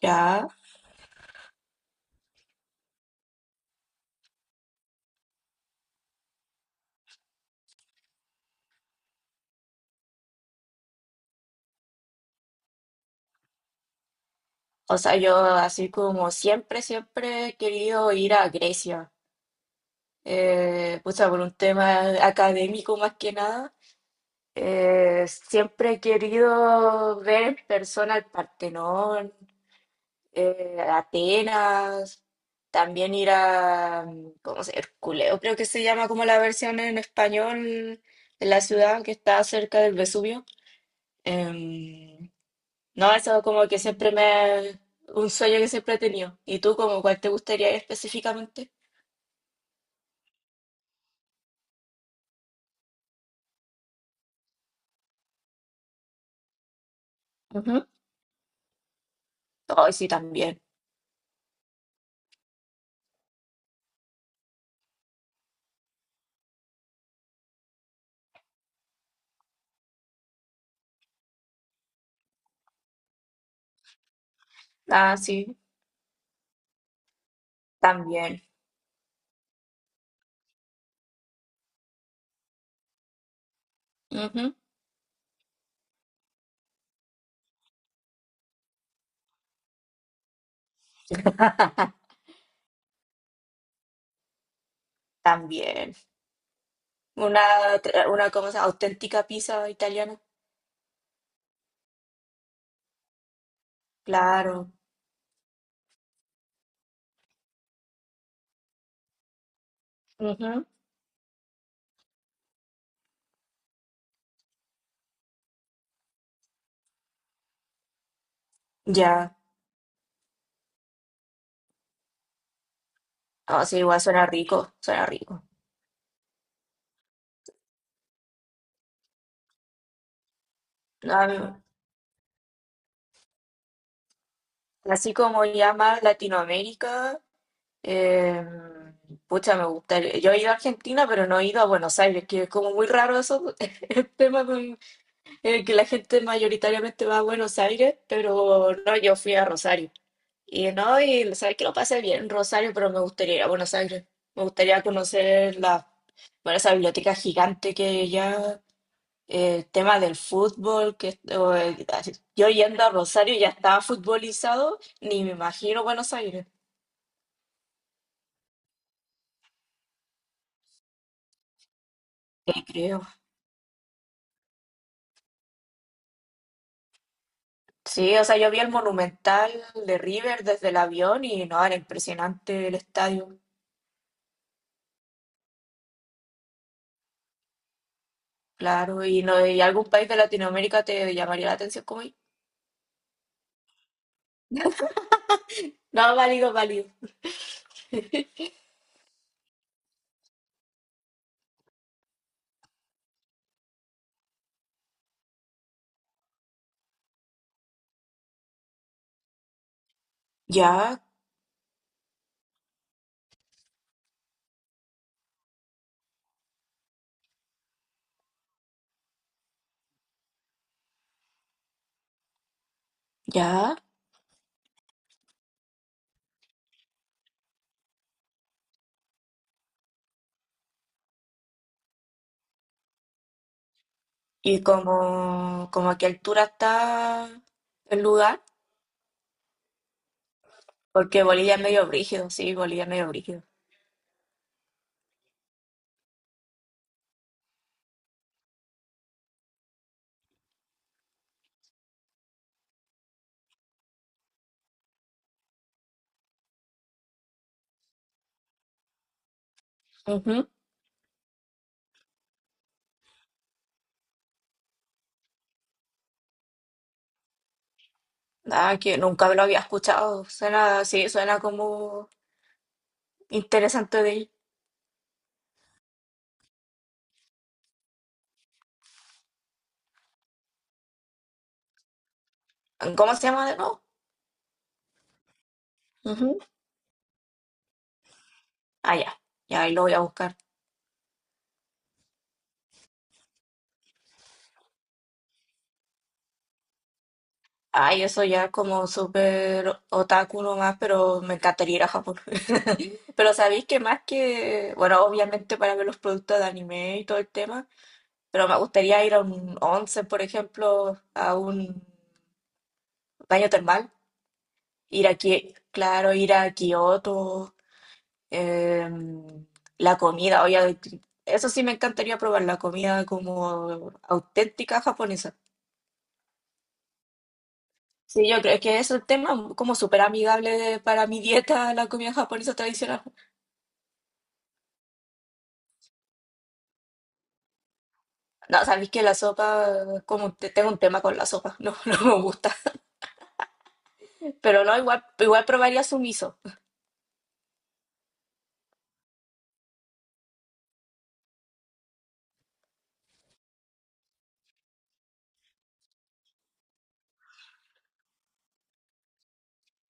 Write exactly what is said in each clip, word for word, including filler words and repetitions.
Ya, o sea, yo así como siempre, siempre he querido ir a Grecia, eh, pucha, por un tema académico más que nada. Eh, siempre he querido ver en persona el Partenón, eh, Atenas, también ir a, mm, ¿cómo se Herculeo, creo que se llama como la versión en español de la ciudad que está cerca del Vesubio. Em, No, eso es como que siempre me... Un sueño que siempre he tenido. ¿Y tú como cuál te gustaría ir específicamente? Ujú. Ay, sí, también. Ah, sí, también. Ujú. También. Una, una como esa auténtica pizza italiana. Claro. Ujú. Ya. Ah, sí, igual suena rico, suena rico. A mí, así como ya más Latinoamérica, eh, pucha, me gustaría. Yo he ido a Argentina, pero no he ido a Buenos Aires, que es como muy raro eso, el tema con eh, que la gente mayoritariamente va a Buenos Aires, pero no, yo fui a Rosario. Y no, y sabes que lo pasé bien en Rosario, pero me gustaría ir a Buenos Aires. Me gustaría conocer la, bueno, esa biblioteca gigante que ya, eh, el tema del fútbol, que o, eh, yo yendo a Rosario ya estaba futbolizado, ni me imagino Buenos Aires, ni creo. Sí, o sea, yo vi el Monumental de River desde el avión y no, era impresionante el estadio. Claro, y no, ¿y algún país de Latinoamérica te llamaría la atención como ir? No, válido, válido. Ya, ya. ¿Y como, como a qué altura está el lugar? Porque Bolivia es medio brígido, sí, Bolivia es medio brígido. Ujú. Ah, que nunca lo había escuchado. Suena, sí, suena como interesante de ir. ¿Cómo se llama de nuevo? Ujú. Ah, ya. Ya ahí lo voy a buscar. Ay, eso ya es como súper otaku nomás, pero me encantaría ir a Japón. Pero sabéis que más que, bueno, obviamente para ver los productos de anime y todo el tema, pero me gustaría ir a un once, por ejemplo, a un baño termal, ir aquí, claro, ir a Kioto, em, la comida, obviamente, eso sí me encantaría probar la comida como auténtica japonesa. Sí, yo creo que es un tema como súper amigable de- para mi dieta, la comida japonesa tradicional. No, sabéis que la sopa, como te- tengo un tema con la sopa, no, no me gusta. Pero no, igual, igual probaría sumiso.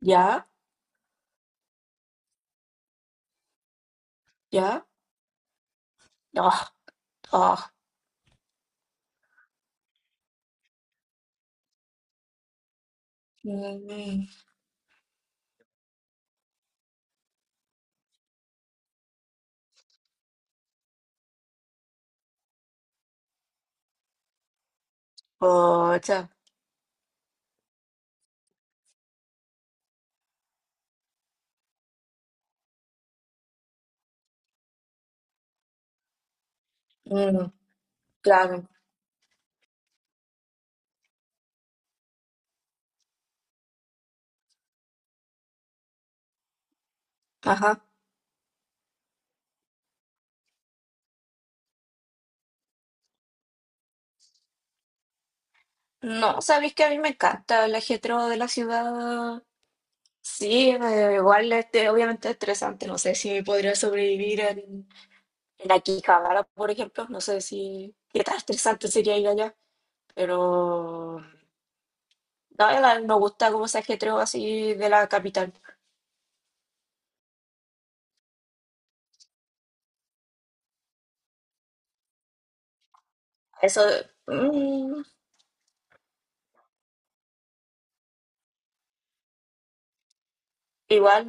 ¿Ya? ¿Ya? Ah, ah. Mm, pocha. Mm, claro. Ajá. No, sabéis que a mí me encanta el ajetreo de la ciudad. Sí, me- igual este, obviamente es estresante. No sé si podría sobrevivir en, en Akihabara, por ejemplo. No sé si qué tan estresante sería ir allá. Pero no, la- me gusta como ese ajetreo así de la capital. Eso, mm, igual.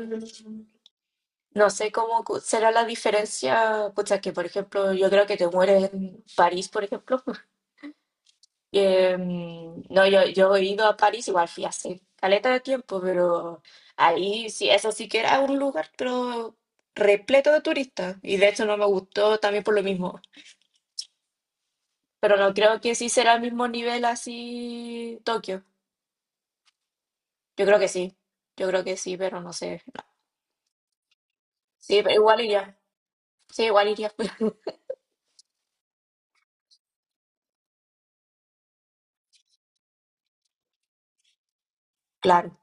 No sé cómo cu- será la diferencia, pucha, que por ejemplo, yo creo que te mueres en París, por ejemplo. Que, mm, no, yo, yo he ido a París, igual fui hace caleta de tiempo, pero ahí sí, eso sí que era un lugar, pero repleto de turistas. Y de hecho no me gustó también por lo mismo. Pero no creo que sí será el mismo nivel así Tokio. Yo creo que sí, yo creo que sí, pero no sé. No. Sí, pero igual iría. Sí, igual iría. Claro.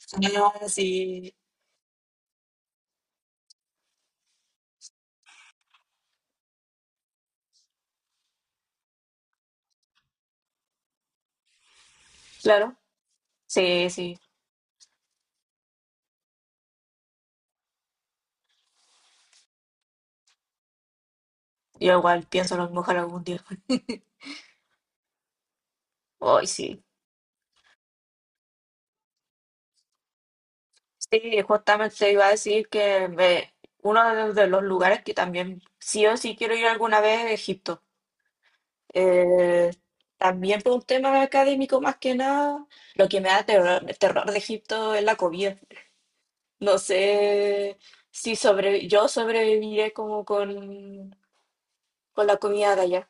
Ah, sí. Claro. Sí, sí. Yo igual pienso a lo mejor algún día. Hoy sí. Sí, justamente iba a decir que me- uno de de los lugares que también sí o sí quiero ir alguna vez es Egipto. Eh, También por un tema académico más que nada, lo que me da terror, terror de Egipto es la comida. No sé si sobre, yo sobreviviré como con, con la comida de allá.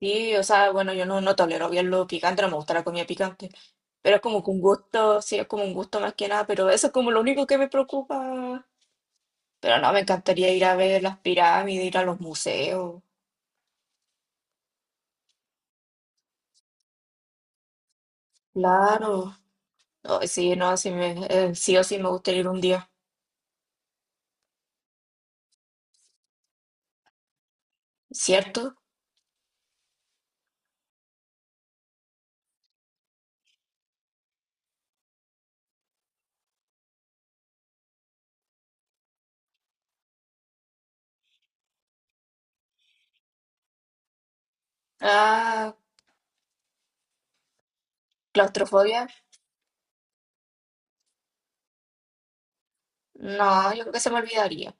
Sí, o sea, bueno, yo no, no tolero bien lo picante, no me gusta la comida picante, pero es como que un gusto, sí, es como un gusto más que nada, pero eso es como lo único que me preocupa. Pero no, me encantaría ir a ver las pirámides, ir a los museos, claro. No, sí, no, sí, me, eh, sí o sí me gustaría ir un día, ¿cierto? Ah, claustrofobia, no, yo creo que se me olvidaría.